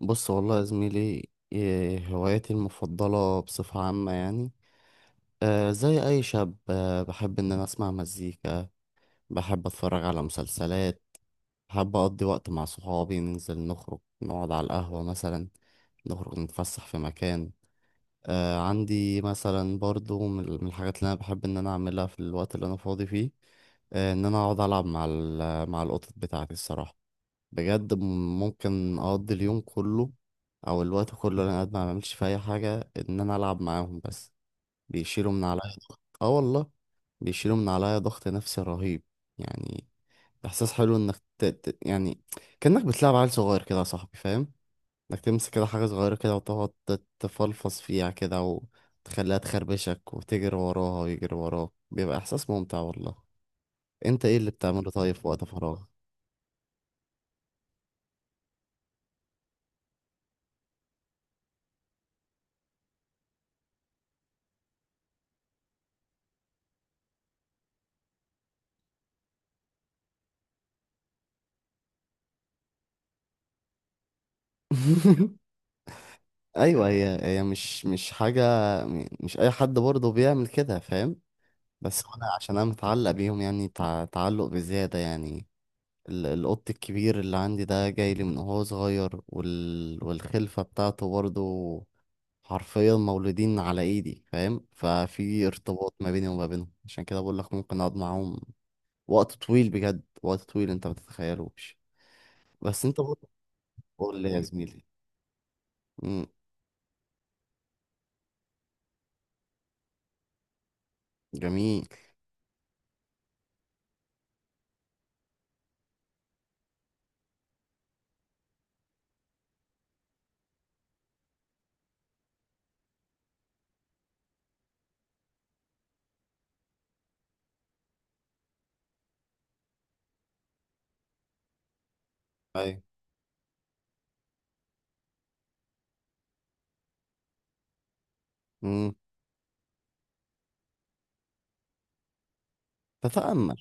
بص والله يا زميلي، إيه هوايتي المفضلة بصفة عامة يعني؟ زي أي شاب، بحب إن أنا أسمع مزيكا. بحب أتفرج على مسلسلات. بحب أقضي وقت مع صحابي، ننزل نخرج نقعد على القهوة مثلا، نخرج نتفسح في مكان. آه، عندي مثلا برضو من الحاجات اللي أنا بحب إن أنا أعملها في الوقت اللي أنا فاضي فيه. آه، إن أنا أقعد ألعب مع القطط بتاعتي الصراحة. بجد ممكن اقضي اليوم كله، او الوقت كله اللي انا قاعد ما بعملش في اي حاجه ان انا العب معاهم بس. بيشيلوا من عليا ضغط، اه والله. بيشيلوا من عليا ضغط نفسي رهيب يعني. احساس حلو انك يعني كانك بتلعب عيل صغير كده يا صاحبي فاهم. انك تمسك كده حاجه صغيره كده، وتقعد تفلفص فيها كده، وتخليها تخربشك وتجري وراها ويجري وراك، بيبقى احساس ممتع والله. انت ايه اللي بتعمله طيب في وقت فراغ؟ ايوه. هي مش حاجه. مش اي حد برضه بيعمل كده فاهم. بس انا عشان انا متعلق بيهم يعني، تعلق بزياده يعني. القط الكبير اللي عندي ده جاي لي من وهو صغير، والخلفه بتاعته برضه حرفيا مولودين على ايدي فاهم. ففي ارتباط ما بيني وما بينهم، عشان كده بقول لك ممكن اقعد معاهم وقت طويل، بجد وقت طويل انت ما تتخيلوش. بس انت برضه، قول لي يا زميلي. امم. جميل. ايوه. امم. تتأمل.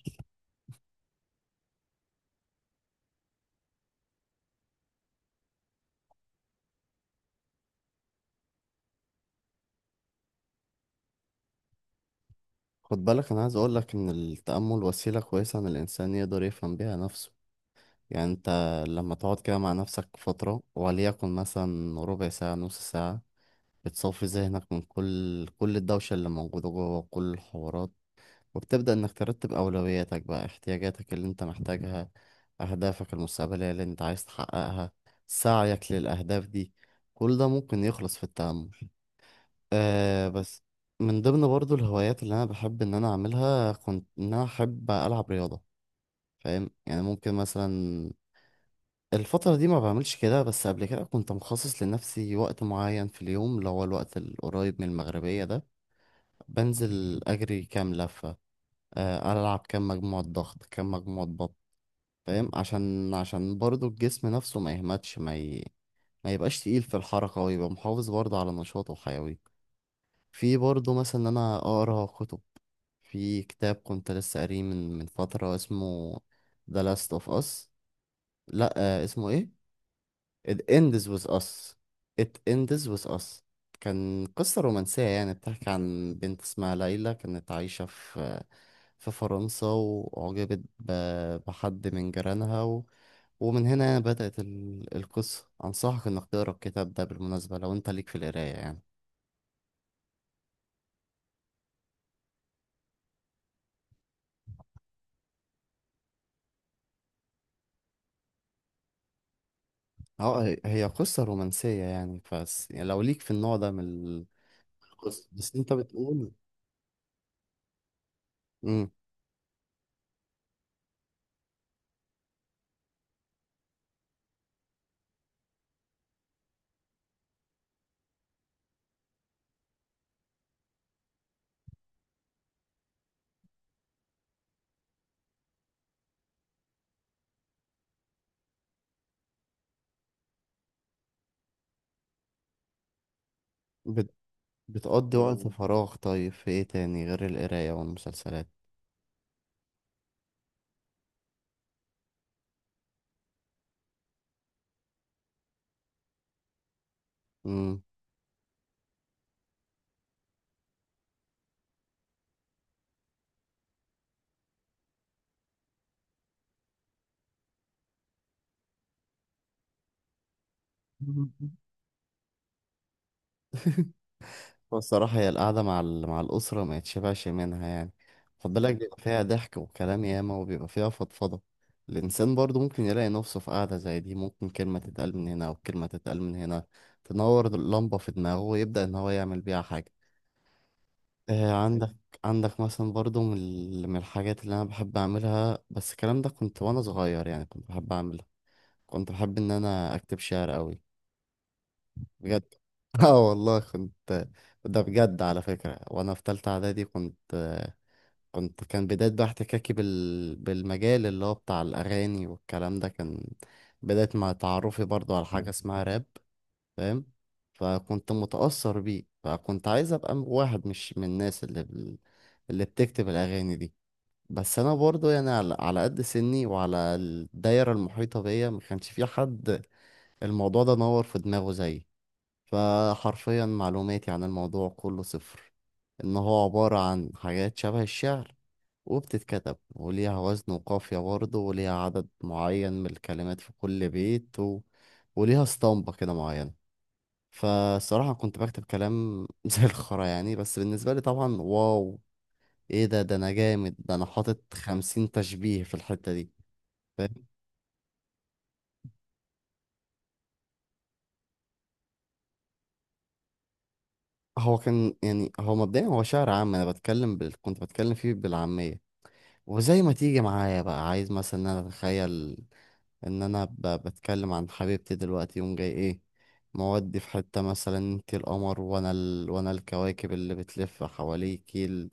خد بالك، انا عايز اقول لك ان التأمل وسيلة كويسة ان الانسان يقدر يفهم بيها نفسه. يعني انت لما تقعد كده مع نفسك فترة، وليكن مثلا ربع ساعة نص ساعة، بتصفي ذهنك من كل الدوشة اللي موجودة جوه، كل الحوارات، وبتبدأ انك ترتب اولوياتك بقى، احتياجاتك اللي انت محتاجها، اهدافك المستقبلية اللي انت عايز تحققها، سعيك للاهداف دي، كل ده ممكن يخلص في التأمل. آه بس، من ضمن برضو الهوايات اللي انا بحب ان انا اعملها، كنت ان انا احب العب رياضه فاهم. يعني ممكن مثلا الفتره دي ما بعملش كده، بس قبل كده كنت مخصص لنفسي وقت معين في اليوم اللي هو الوقت القريب من المغربيه ده، بنزل اجري كام لفه، آه العب كام مجموعه ضغط كام مجموعه بط فاهم. عشان برضو الجسم نفسه ما يهمتش، ما يبقاش تقيل في الحركه، ويبقى محافظ برضو على نشاطه وحيويته. في برضه مثلا إن أنا أقرأ كتب. في كتاب كنت لسه قاريه من فترة، اسمه The Last of Us. لأ آه، اسمه إيه؟ It Ends With Us. It Ends With Us. كان قصة رومانسية يعني، بتحكي عن بنت اسمها ليلى، كانت عايشة في في فرنسا، بحد من جيرانها، ومن هنا يعني بدأت القصة. أنصحك إنك تقرأ الكتاب ده بالمناسبة لو أنت ليك في القراية يعني. اه، هي قصة رومانسية يعني، بس يعني لو ليك في النوع ده قصة، بس انت بتقول. امم. بت... بتقضي وقت فراغ طيب في ايه تاني غير القراية والمسلسلات؟ امم. الصراحة هي القعدة مع الأسرة ما يتشبعش منها يعني. خد بالك، بيبقى فيها ضحك وكلام ياما، وبيبقى فيها فضفضة. الإنسان برضه ممكن يلاقي نفسه في قعدة زي دي، ممكن كلمة تتقال من هنا أو كلمة تتقال من هنا، تنور اللمبة في دماغه ويبدأ إن هو يعمل بيها حاجة. آه، عندك. عندك مثلا برضو من الحاجات اللي انا بحب اعملها، بس الكلام ده كنت وانا صغير يعني كنت بحب اعملها. كنت بحب ان انا اكتب شعر قوي بجد. اه والله كنت. ده بجد على فكرة، وانا في تالتة اعدادي كنت كنت كان بداية بقى احتكاكي بالمجال اللي هو بتاع الاغاني والكلام ده، كان بداية مع تعرفي برضو على حاجة اسمها راب فاهم. فكنت متأثر بيه، فكنت عايز ابقى واحد مش من الناس اللي بتكتب الاغاني دي. بس انا برضو يعني على قد سني وعلى الدايرة المحيطة بيا ما كانش في حد الموضوع ده نور في دماغه زيي. فحرفيا معلوماتي عن الموضوع كله صفر، ان هو عبارة عن حاجات شبه الشعر، وبتتكتب وليها وزن وقافية برضه، وليها عدد معين من الكلمات في كل بيت، وليها اسطمبة كده معينة. فالصراحة كنت بكتب كلام زي الخرا يعني، بس بالنسبة لي طبعا واو، ايه ده انا جامد، ده انا حاطط 50 تشبيه في الحتة دي فاهم. هو كان يعني هو مبدئيا هو شعر عام. انا بتكلم كنت بتكلم فيه بالعامية، وزي ما تيجي معايا بقى عايز مثلا إن انا اتخيل ان انا بتكلم عن حبيبتي دلوقتي، يوم جاي ايه مودي، في حتة مثلا انت القمر وانا وانا الكواكب اللي بتلف حواليكي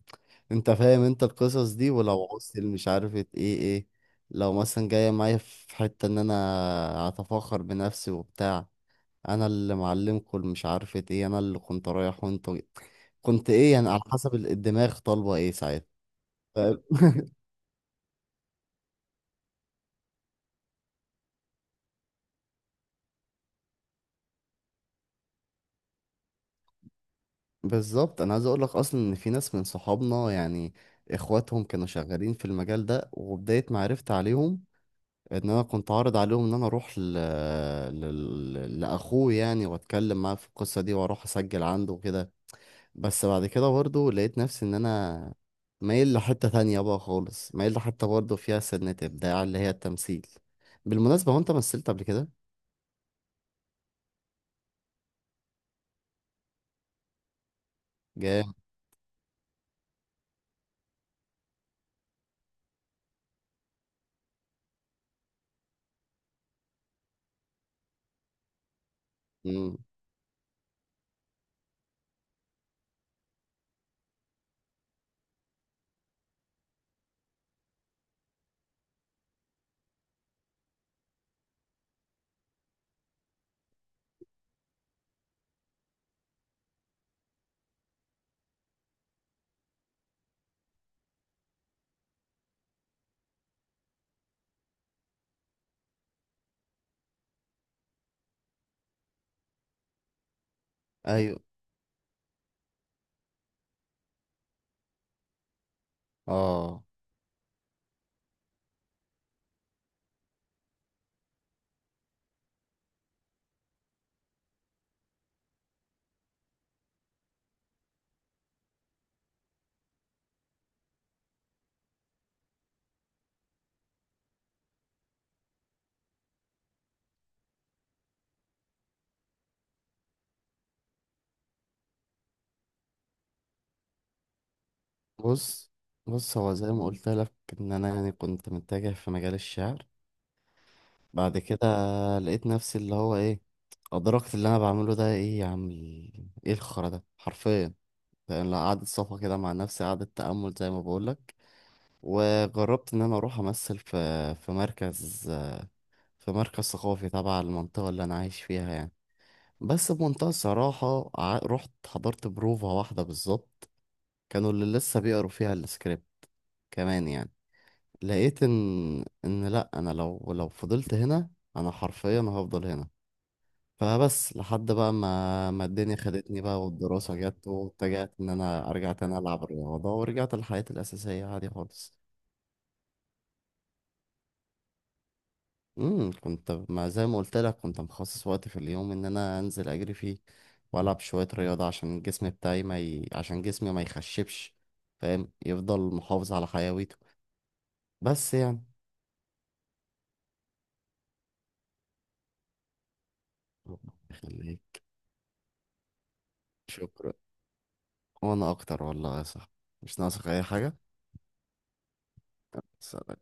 انت فاهم انت القصص دي، ولو عوزت مش عارفة ايه. ايه. لو مثلا جاية معايا في حتة ان انا اتفاخر بنفسي وبتاع، انا اللي معلمكم مش عارفة ايه، انا اللي كنت رايح، وانت كنت ايه يعني، على حسب الدماغ طالبة ايه ساعتها. فاهم؟ بالظبط. انا عايز اقول لك اصلا ان في ناس من صحابنا يعني اخواتهم كانوا شغالين في المجال ده، وبداية ما عرفت عليهم ان انا كنت عارض عليهم ان انا اروح لاخوه يعني واتكلم معاه في القصة دي واروح اسجل عنده وكده. بس بعد كده برضه لقيت نفسي ان انا مايل لحتة تانية بقى خالص، مايل لحتة برضه فيها سنة ابداع اللي هي التمثيل. بالمناسبة، هو انت مثلت قبل كده؟ جامد. مم. ايوه. اه. بص. بص هو زي ما قلت لك، ان انا يعني كنت متجه في مجال الشعر. بعد كده لقيت نفسي اللي هو ايه، ادركت اللي انا بعمله ده ايه يا عم ايه الخرا ده حرفيا. يعني قعدت صفا كده مع نفسي، قعدت تأمل زي ما بقول لك، وجربت ان انا اروح امثل في في مركز، في مركز ثقافي تبع المنطقة اللي انا عايش فيها يعني. بس بمنتهى الصراحة رحت حضرت بروفة واحدة بالظبط، كانوا اللي لسه بيقروا فيها السكريبت كمان يعني. لقيت ان لا انا لو فضلت هنا انا حرفيا هفضل هنا. فبس لحد بقى ما الدنيا خدتني بقى والدراسة جت، واتجهت ان انا ارجع تاني العب رياضة، ورجعت لحياتي الاساسية عادي خالص. امم، كنت، ما زي ما قلت لك كنت مخصص وقت في اليوم ان انا انزل اجري فيه والعب شوية رياضة عشان الجسم بتاعي ما ي... عشان جسمي ما يخشبش فاهم، يفضل محافظ على حيويته. بس يعني. الله يخليك. شكرا. وانا اكتر والله يا صاحبي، مش ناقصك اي حاجة. بس.